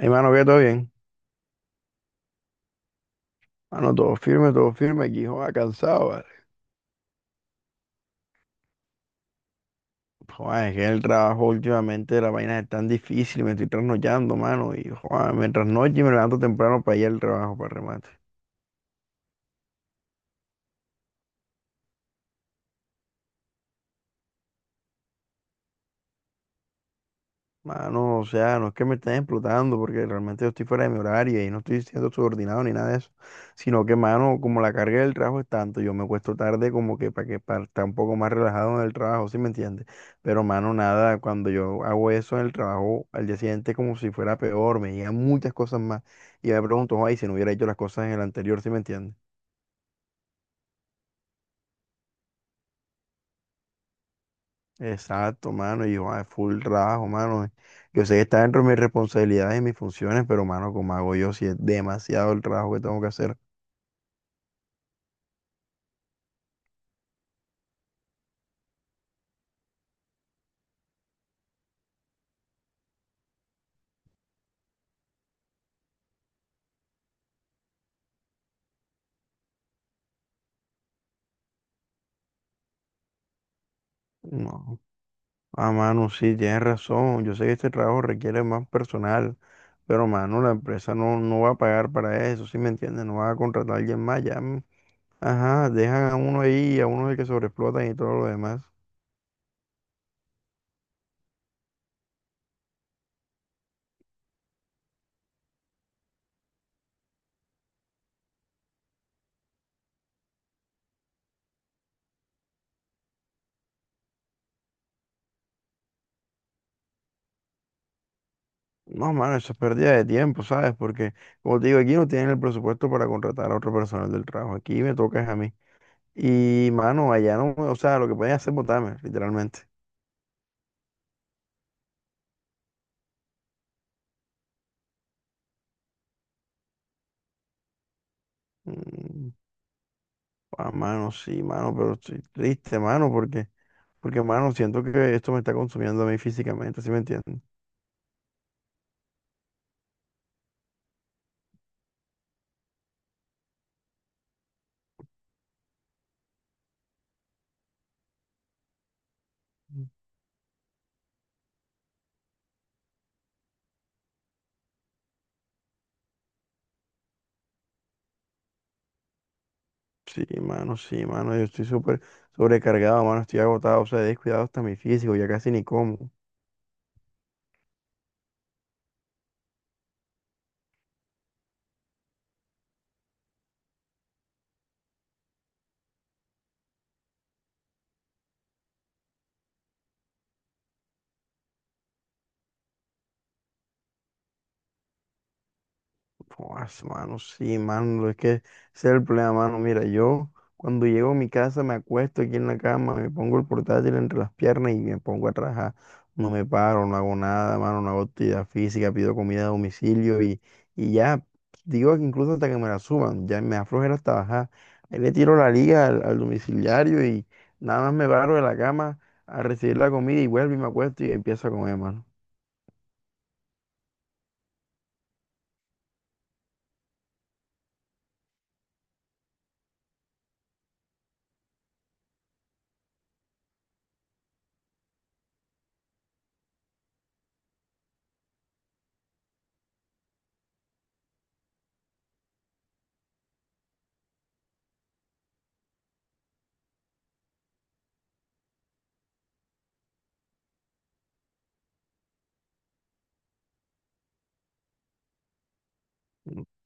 Hey mano que todo bien. Mano, todo firme, todo firme. Aquí, joder, cansado, ¿vale? Joder, es que el trabajo últimamente, la vaina es tan difícil, me estoy trasnochando, mano. Y, joder, me trasnocho y me levanto temprano para ir al trabajo, para remate. Mano, o sea, no es que me estén explotando porque realmente yo estoy fuera de mi horario y no estoy siendo subordinado ni nada de eso, sino que, mano, como la carga del trabajo es tanto, yo me acuesto tarde como que para estar un poco más relajado en el trabajo, ¿sí me entiendes? Pero, mano, nada, cuando yo hago eso en el trabajo, al día siguiente es como si fuera peor, me llegan muchas cosas más y me pregunto, ay, si no hubiera hecho las cosas en el anterior, ¿sí me entiendes? Exacto, mano, y yo, full trabajo, mano. Yo sé que está dentro de mis responsabilidades y mis funciones, pero, mano, ¿como hago yo si es demasiado el trabajo que tengo que hacer? No. Ah, mano, sí, tienes razón. Yo sé que este trabajo requiere más personal, pero, mano, la empresa no va a pagar para eso, ¿sí me entiendes? No va a contratar a alguien más, ya. Mm, ajá, dejan a uno ahí, a uno es el que sobreexplotan y todo lo demás. No, mano, eso es pérdida de tiempo, ¿sabes? Porque, como te digo, aquí no tienen el presupuesto para contratar a otro personal del trabajo. Aquí me toca es a mí. Y, mano, allá no, o sea, lo que pueden hacer es botarme, literalmente. Mm, mano, sí, mano, pero estoy triste, mano, porque, mano, siento que esto me está consumiendo a mí físicamente, ¿sí me entiendes? Sí, mano, yo estoy súper sobrecargado, mano, estoy agotado, o sea, he descuidado hasta mi físico, ya casi ni como. Pues, mano, sí, mano, es que ese es el problema, mano. Mira, yo cuando llego a mi casa me acuesto aquí en la cama, me pongo el portátil entre las piernas y me pongo a trabajar. No me paro, no hago nada, mano, no hago actividad física, pido comida a domicilio y ya, digo que incluso hasta que me la suban, ya me aflojera hasta bajar. Ahí le tiro la liga al domiciliario y nada más me paro de la cama a recibir la comida y vuelvo y me acuesto y empiezo a comer, mano.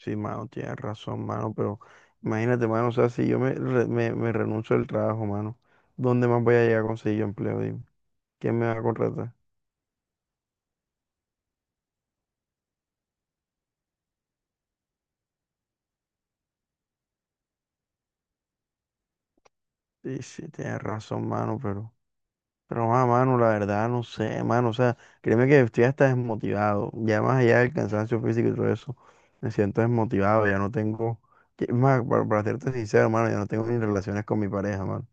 Sí, mano, tienes razón, mano, pero imagínate, mano, o sea, si yo me renuncio al trabajo, mano, ¿dónde más voy a llegar a conseguir yo empleo? Dime, ¿quién me va a contratar? Sí, sí, tienes razón, mano, pero, mano, la verdad, no sé, mano, o sea, créeme que estoy hasta desmotivado, ya más allá del cansancio físico y todo eso, me siento desmotivado, ya no tengo, más, para serte sincero, mano, ya no tengo ni relaciones con mi pareja, mano.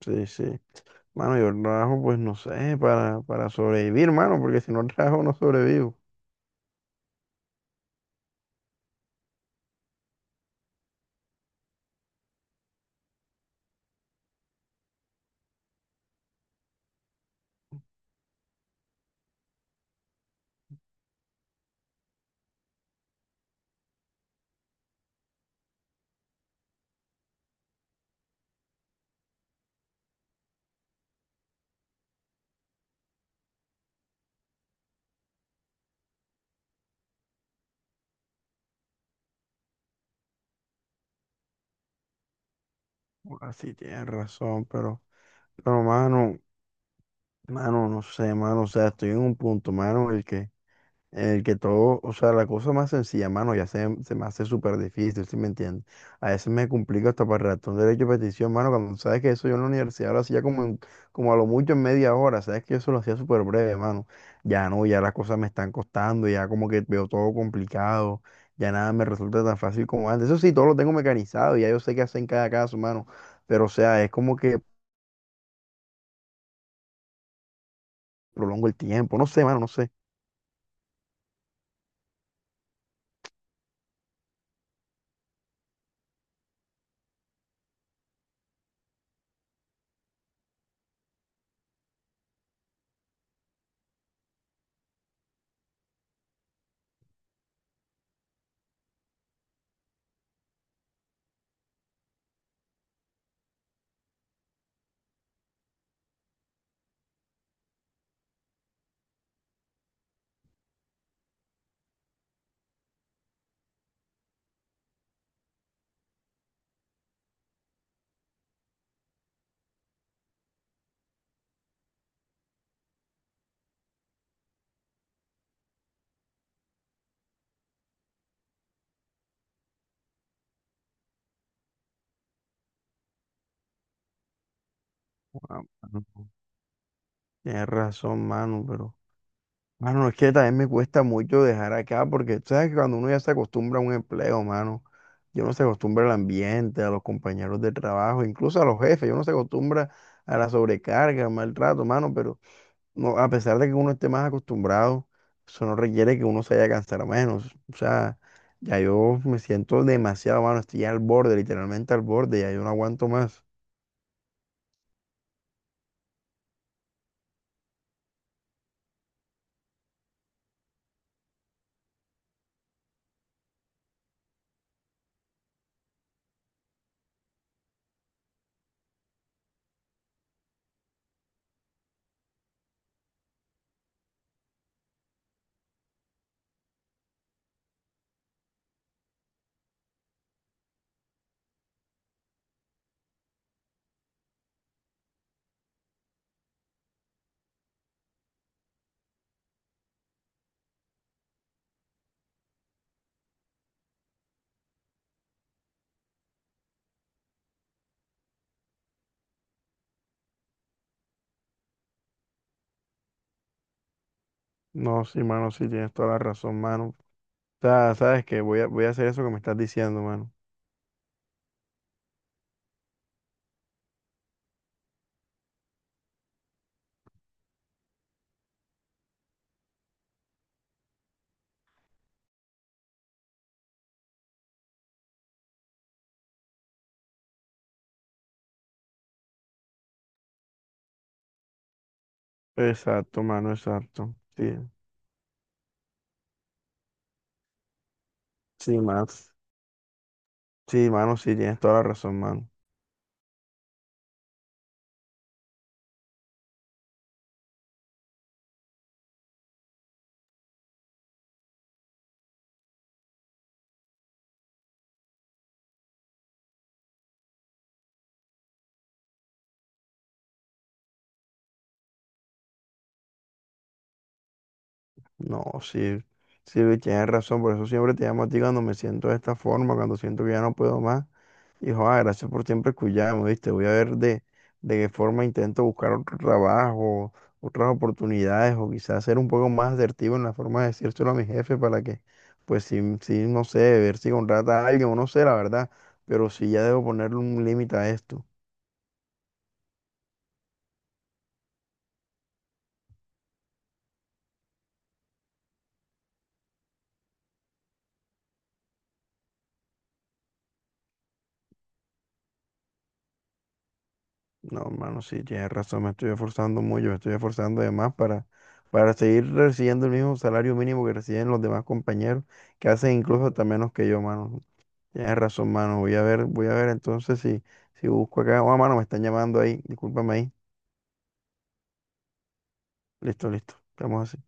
Sí, sí. Mano, yo trabajo, pues no sé, para sobrevivir, mano, porque si no trabajo no sobrevivo. Así tienes razón, pero, pero mano, no sé, mano, o sea, estoy en un punto, mano, en el que todo, o sea, la cosa más sencilla, mano, ya se me hace súper difícil, ¿sí me entiendes? A veces me complica hasta para redactar un derecho de petición, mano, cuando sabes que eso yo en la universidad lo hacía como a lo mucho en media hora, sabes que eso lo hacía súper breve, mano. Ya no, ya las cosas me están costando, ya como que veo todo complicado, ya nada me resulta tan fácil como antes. Eso sí, todo lo tengo mecanizado, ya yo sé qué hacer en cada caso, mano. Pero, o sea, es como que prolongo el tiempo, no sé, mano, no sé. Ah, mano. Tienes razón, mano, pero. Mano, es que también me cuesta mucho dejar acá porque tú sabes que cuando uno ya se acostumbra a un empleo, mano, yo no se acostumbra al ambiente, a los compañeros de trabajo, incluso a los jefes, yo no se acostumbra a la sobrecarga, al maltrato, mano, pero no, a pesar de que uno esté más acostumbrado, eso no requiere que uno se haya cansado menos. O sea, ya yo me siento demasiado, mano, estoy ya al borde, literalmente al borde, ya yo no aguanto más. No, sí, mano, sí, tienes toda la razón, mano. O sea, sabes que voy a hacer eso que me estás diciendo, mano. Exacto, mano, exacto. Sí, sí, mano. Sí, mano, sí, tienes toda la razón, mano. No, sí, sí, tienes razón. Por eso siempre te llamo a ti cuando me siento de esta forma, cuando siento que ya no puedo más. Y joder, gracias por siempre escucharme, ¿viste? Voy a ver de qué forma intento buscar otro trabajo, otras oportunidades, o quizás ser un poco más asertivo en la forma de decírselo a mi jefe para que, pues sí, sí, no sé, ver si contrata a alguien, o no sé, la verdad, pero sí ya debo ponerle un límite a esto. No, hermano, sí, tienes razón, me estoy esforzando mucho, me estoy esforzando de más para seguir recibiendo el mismo salario mínimo que reciben los demás compañeros, que hacen incluso hasta menos que yo, hermano. Tienes razón, mano. Voy a ver entonces si busco acá. Oh, mano, me están llamando ahí. Discúlpame ahí. Listo, listo. Estamos así.